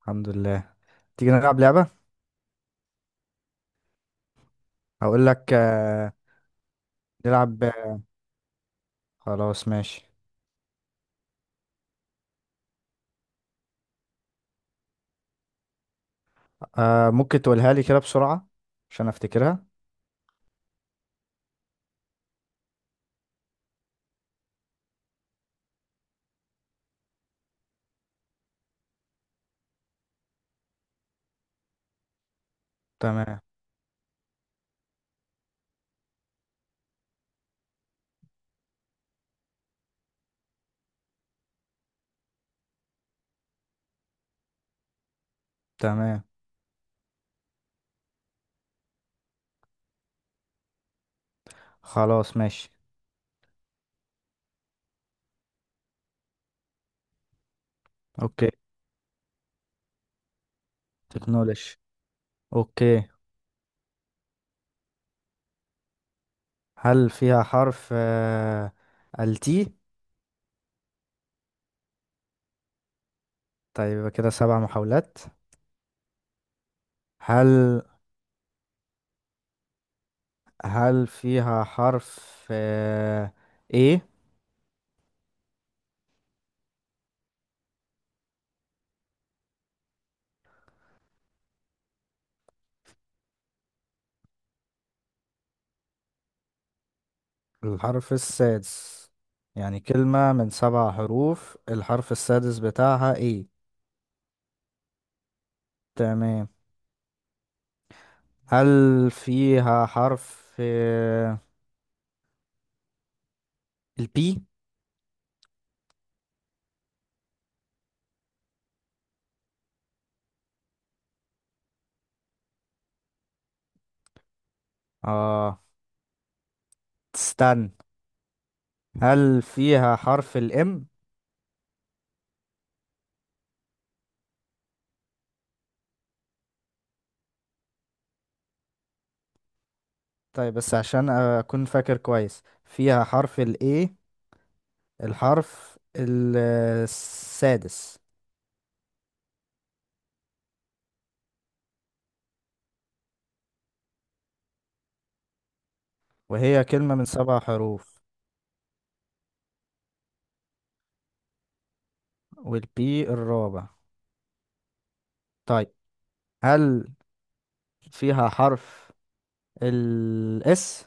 الحمد لله. تيجي نلعب لعبة؟ هقول لك. نلعب. خلاص ماشي. ممكن تقولها لي كده بسرعة عشان افتكرها. تمام. تمام خلاص ماشي. اوكي. تكنولوجي. اوكي. هل فيها حرف التي؟ طيب يبقى كده 7 محاولات. هل هل فيها حرف ايه؟ الحرف السادس. يعني كلمة من 7 حروف، الحرف السادس بتاعها ايه؟ تمام. هل فيها حرف البي؟ اه، استنى. هل فيها حرف الام؟ طيب، بس عشان اكون فاكر كويس، فيها حرف الاي الحرف السادس؟ وهي كلمة من سبع حروف، والبي الرابع؟ طيب. هل فيها حرف الاس؟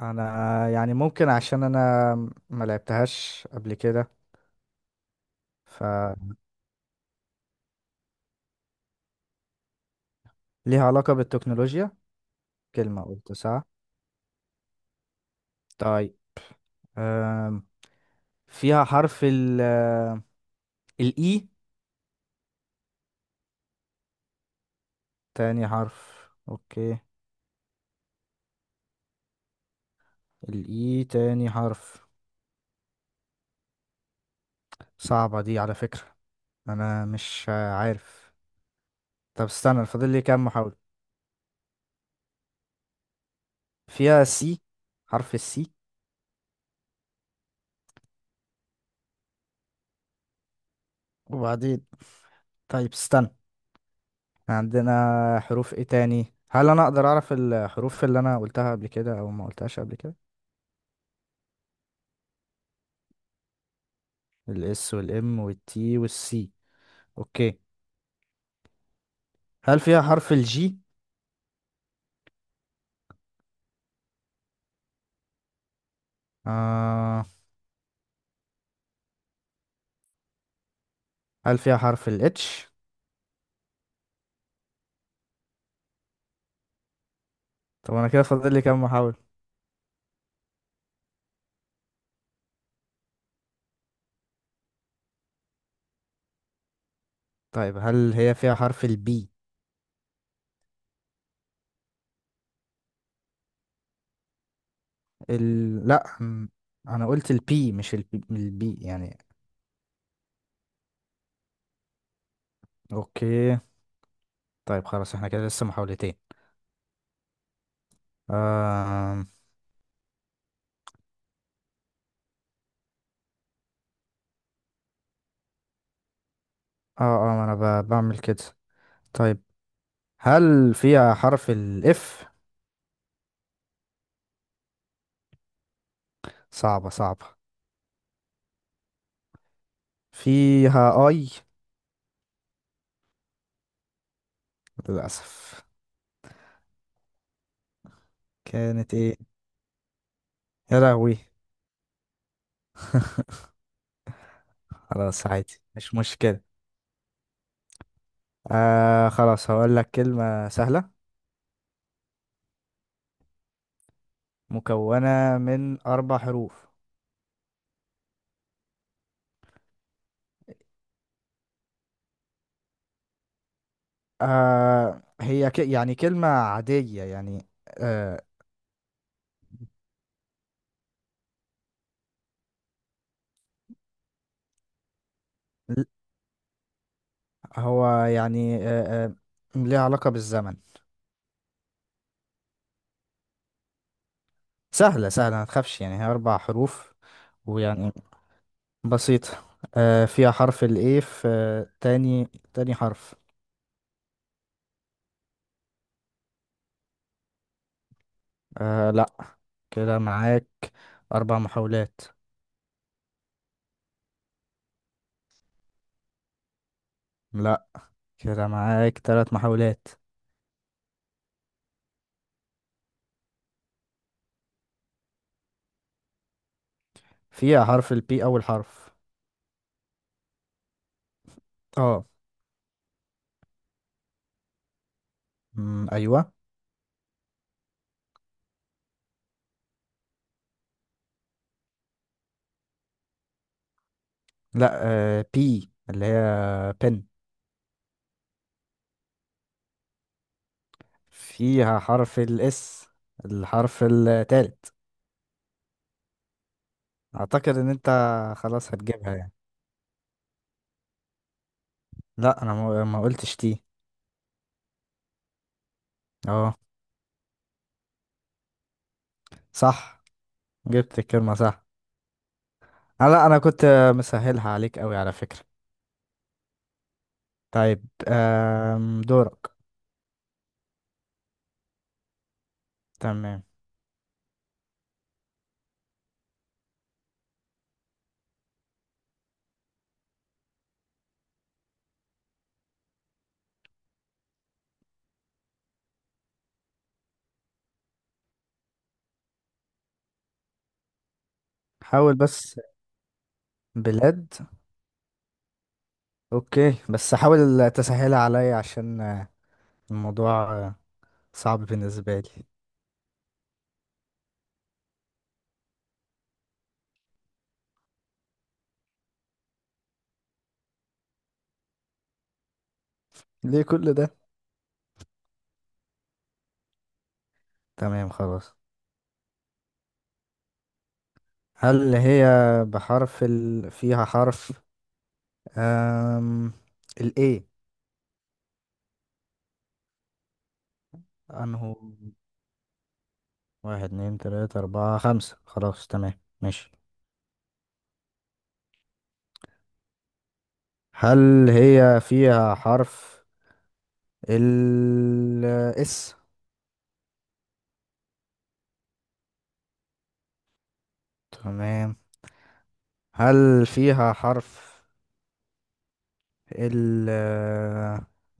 انا يعني ممكن عشان انا ما لعبتهاش قبل كده. فليها علاقة بالتكنولوجيا. كلمة قلت صح. طيب. آم، فيها حرف الإي تاني حرف؟ أوكي. الإي تاني حرف. صعبة دي على فكرة. أنا مش عارف. طب استنى، فاضل لي كام محاولة؟ فيها سي حرف السي؟ وبعدين؟ طيب استنى، عندنا حروف إيه تاني؟ هل أنا أقدر أعرف الحروف اللي أنا قلتها قبل كده أو ما قلتهاش قبل كده؟ الإس والإم والتي والسي. أوكي. هل فيها حرف الجي؟ آه. هل فيها حرف ال H؟ طب انا كده فاضل لي كام محاولة؟ طيب هل هي فيها حرف ال B؟ لا، انا قلت ال P مش ال B يعني. اوكي. طيب خلاص احنا كده لسه محاولتين. آم، اه اه. ما انا بعمل كده. طيب هل فيها حرف ال F؟ صعبة صعبة. فيها I. للأسف. كانت ايه؟ يا لهوي. خلاص، عادي، مش مشكلة. آه، خلاص هقول لك كلمة سهلة مكونة من 4 حروف. آه، هي يعني كلمة عادية يعني. آه. ل- هو يعني ليها علاقة بالزمن. سهلة سهلة، ما تخافش، يعني هي 4 حروف. ويعني بسيطة. آه، فيها حرف الإيه في تاني. تاني حرف. آه لأ. كده معاك 4 محاولات. لأ، كده معاك 3 محاولات. فيها حرف البي أول حرف؟ اه. مم، أيوة. لا، بي اللي هي بن. فيها حرف الاس الحرف التالت؟ اعتقد ان انت خلاص هتجيبها يعني. لا انا ما قلتش تي. اه. صح، جبت الكلمة صح. لا انا كنت مسهلها عليك قوي على فكرة. طيب. دورك. تمام. حاول بس. بلاد. اوكي، بس حاول تسهلها عليا عشان الموضوع صعب بالنسبة لي. ليه كل ده؟ تمام خلاص. هل هي فيها حرف أم... ال A؟ أنه، واحد اتنين تلاتة أربعة خمسة، خلاص تمام ماشي. هل هي فيها حرف ال S؟ تمام. هل فيها حرف ال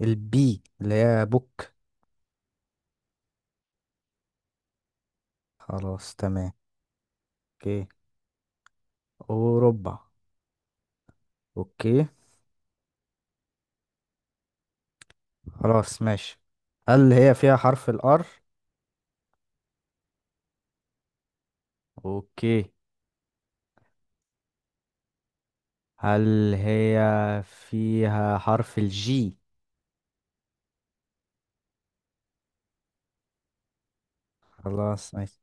ال B اللي هي بوك؟ خلاص تمام. اوكي. أوروبا. اوكي. خلاص ماشي. هل هي فيها حرف الار؟ اوكي. هل هي فيها حرف الجي؟ خلاص ماشي.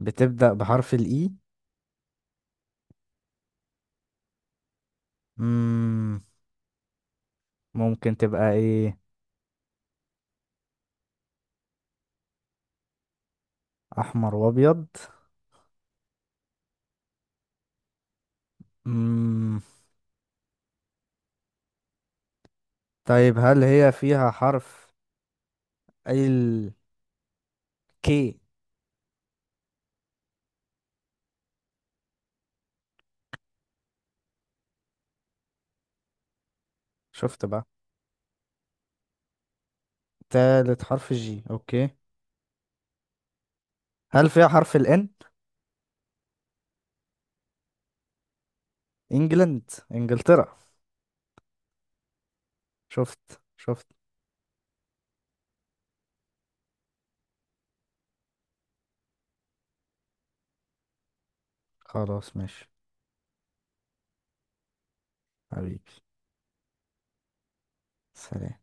بتبدأ بحرف الإي. مم. ممكن تبقى إيه؟ أحمر وأبيض. مم. طيب هل هي فيها حرف ال كي؟ شفت بقى. تالت حرف الجي أوكي. هل فيها حرف الإن؟ إنجلند إنجلترا. شفت شفت. خلاص ماشي حبيبي. سلام.